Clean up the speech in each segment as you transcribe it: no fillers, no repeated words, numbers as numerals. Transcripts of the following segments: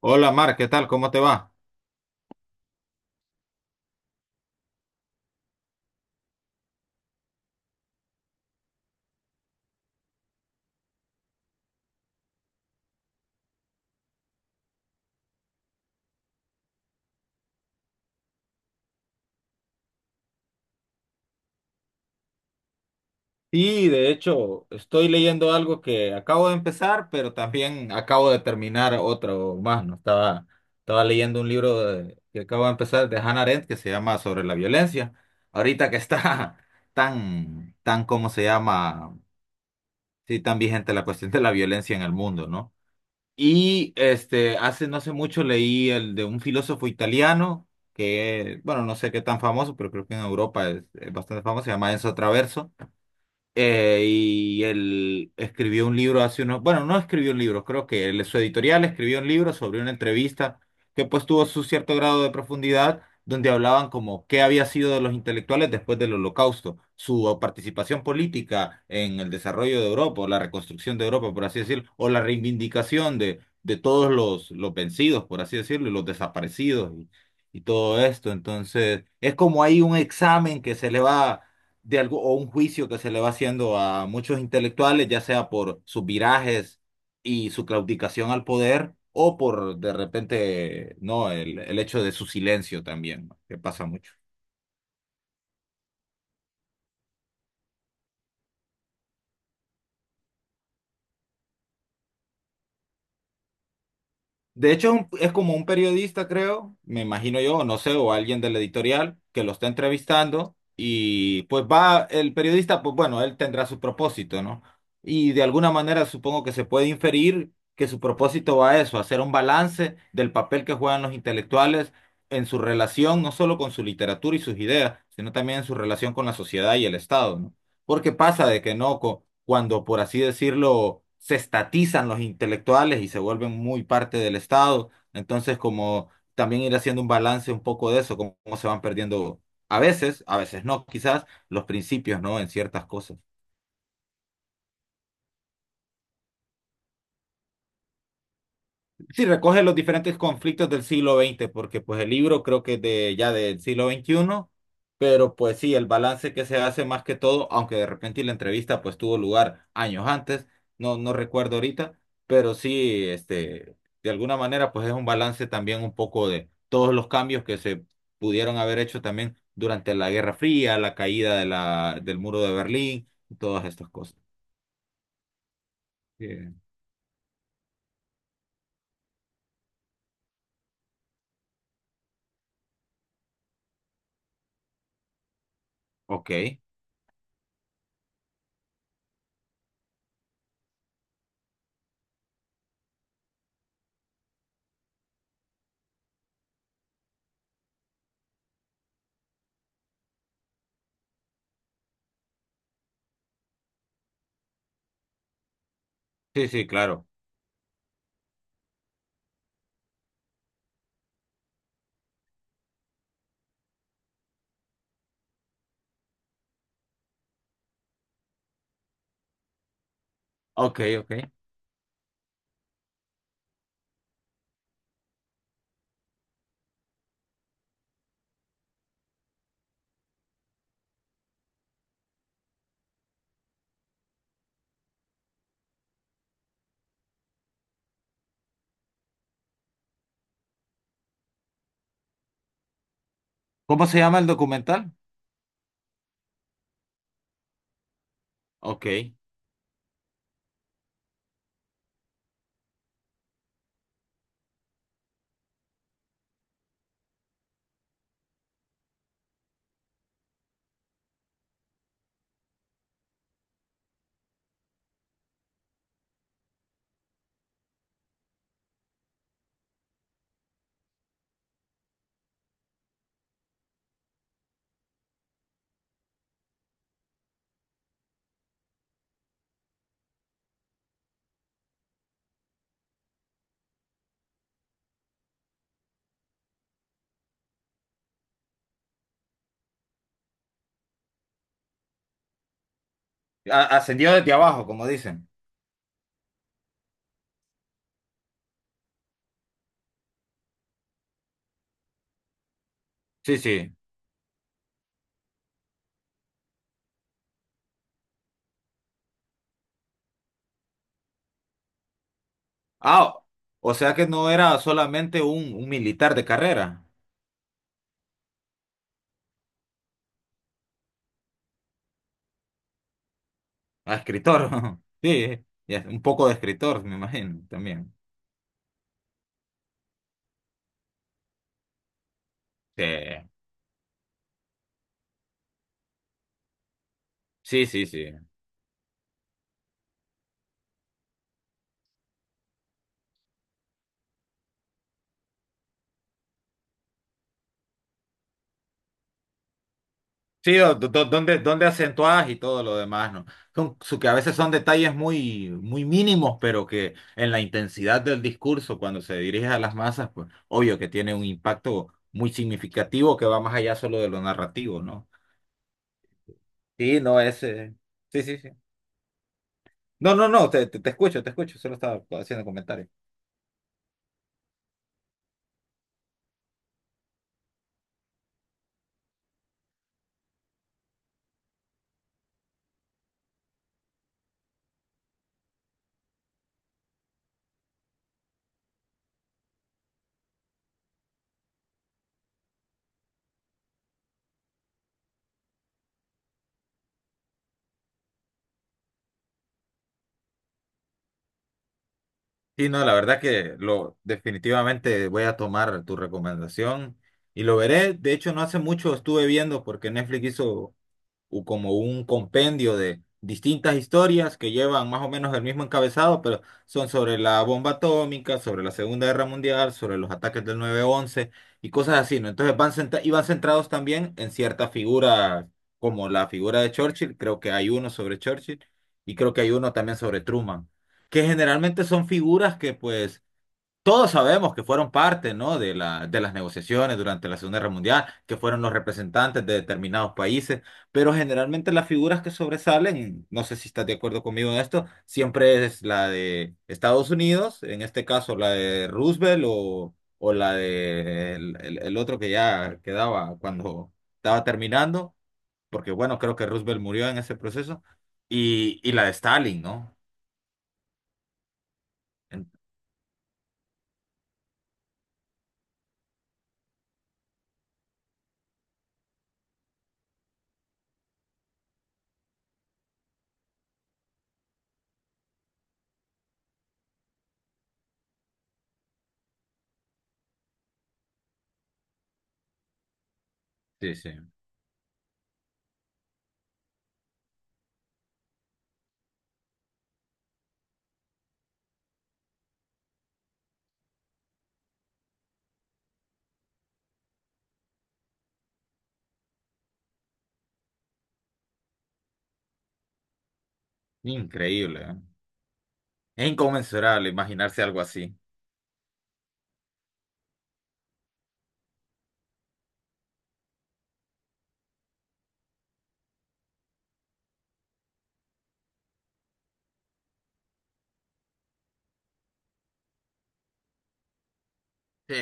Hola Mar, ¿qué tal? ¿Cómo te va? Y de hecho, estoy leyendo algo que acabo de empezar, pero también acabo de terminar otro más, ¿no? Estaba leyendo un que acabo de empezar de Hannah Arendt que se llama Sobre la violencia. Ahorita que está ¿cómo se llama? Sí, tan vigente la cuestión de la violencia en el mundo, ¿no? Y este, hace no hace mucho leí el de un filósofo italiano que, bueno, no sé qué tan famoso, pero creo que en Europa es bastante famoso, se llama Enzo Traverso. Y él escribió un libro hace unos, bueno, no escribió un libro, creo que su editorial escribió un libro sobre una entrevista que pues tuvo su cierto grado de profundidad, donde hablaban como qué había sido de los intelectuales después del Holocausto, su participación política en el desarrollo de Europa, o la reconstrucción de Europa, por así decirlo, o la reivindicación de todos los vencidos, por así decirlo, y los desaparecidos y todo esto. Entonces, es como hay un examen que se le va de algo, o un juicio que se le va haciendo a muchos intelectuales, ya sea por sus virajes y su claudicación al poder, o por de repente, no, el hecho de su silencio también, ¿no? Que pasa mucho. De hecho, es, es como un periodista, creo, me imagino yo, no sé, o alguien del editorial que lo está entrevistando y pues va el periodista, pues bueno, él tendrá su propósito, ¿no? Y de alguna manera supongo que se puede inferir que su propósito va a eso, hacer un balance del papel que juegan los intelectuales en su relación, no solo con su literatura y sus ideas, sino también en su relación con la sociedad y el Estado, ¿no? Porque pasa de que no, cuando por así decirlo, se estatizan los intelectuales y se vuelven muy parte del Estado, entonces como también ir haciendo un balance un poco de eso, cómo, cómo se van perdiendo a veces no, quizás los principios, ¿no? En ciertas cosas. Sí, recoge los diferentes conflictos del siglo XX, porque pues el libro creo que es de ya del siglo XXI, pero pues sí, el balance que se hace más que todo, aunque de repente la entrevista pues tuvo lugar años antes, no, no recuerdo ahorita, pero sí, este, de alguna manera pues es un balance también un poco de todos los cambios que se pudieron haber hecho también durante la Guerra Fría, la caída de del muro de Berlín, y todas estas cosas. Bien. Ok, sí, sí, claro. Ok, ok. ¿Cómo se llama el documental? Ok. A- ascendió desde abajo, como dicen. Sí, sí. Ah, o sea que no era solamente un militar de carrera, a escritor. Sí, y es un poco de escritor, me imagino, también. Sí, sí, sí. Sí, donde, donde acentuás y todo lo demás, ¿no? Que a veces son detalles muy, muy mínimos, pero que en la intensidad del discurso, cuando se dirige a las masas, pues obvio que tiene un impacto muy significativo que va más allá solo de lo narrativo, ¿no? Sí, no es. Sí, sí, sí. No, no, no, te, te escucho, solo estaba haciendo comentarios. Sí, no, la verdad que lo definitivamente voy a tomar tu recomendación y lo veré. De hecho, no hace mucho estuve viendo porque Netflix hizo como un compendio de distintas historias que llevan más o menos el mismo encabezado, pero son sobre la bomba atómica, sobre la Segunda Guerra Mundial, sobre los ataques del nueve once y cosas así, ¿no? Entonces y van centrados también en ciertas figuras, como la figura de Churchill, creo que hay uno sobre Churchill y creo que hay uno también sobre Truman, que generalmente son figuras que pues todos sabemos que fueron parte, ¿no? De las negociaciones durante la Segunda Guerra Mundial, que fueron los representantes de determinados países, pero generalmente las figuras que sobresalen, no sé si estás de acuerdo conmigo en esto, siempre es la de Estados Unidos, en este caso la de Roosevelt o la de el, el otro que ya quedaba cuando estaba terminando, porque bueno, creo que Roosevelt murió en ese proceso, y la de Stalin, ¿no? En- Sí, sí, increíble, ¿eh? Es inconmensurable imaginarse algo así. Sí.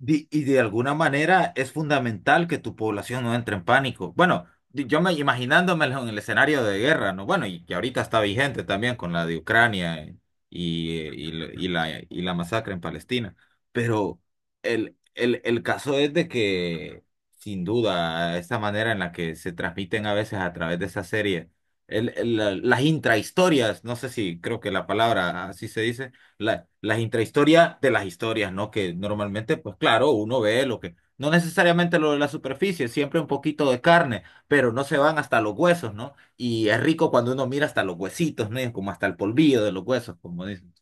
Y de alguna manera es fundamental que tu población no entre en pánico. Bueno, yo me imaginándomelo en el escenario de guerra, ¿no? Bueno, y que ahorita está vigente también con la de Ucrania y y la masacre en Palestina. Pero el caso es de que, sin duda, esta manera en la que se transmiten a veces a través de esa serie, las intrahistorias, no sé si creo que la palabra así se dice las intrahistorias de las historias, ¿no? Que normalmente, pues claro, uno ve lo que, no necesariamente lo de la superficie, siempre un poquito de carne, pero no se van hasta los huesos, ¿no? Y es rico cuando uno mira hasta los huesitos, ¿no? Como hasta el polvillo de los huesos, como dicen.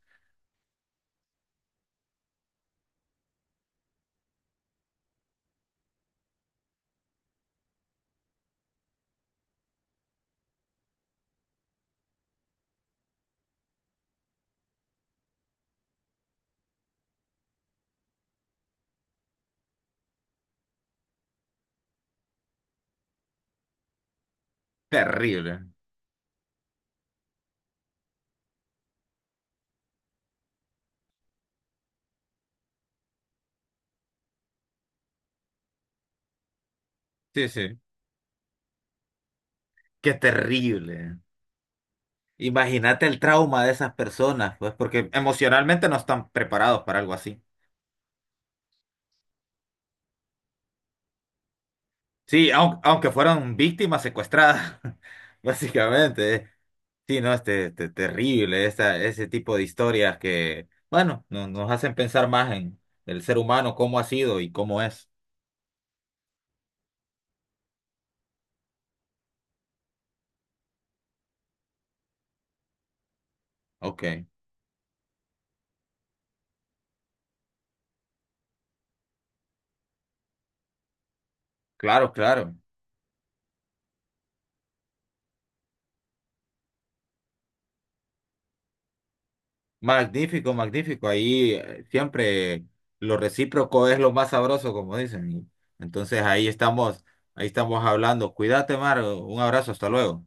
Terrible. Sí, sí. Qué terrible. Imagínate el trauma de esas personas, pues, porque emocionalmente no están preparados para algo así. Sí, aunque fueron víctimas secuestradas, básicamente. Sí, no, este, terrible, esa, ese tipo de historias que, bueno, nos hacen pensar más en el ser humano, cómo ha sido y cómo es. Ok, claro, claro. Magnífico, magnífico. Ahí siempre lo recíproco es lo más sabroso, como dicen. Y entonces ahí estamos hablando. Cuídate, Mar. Un abrazo, hasta luego.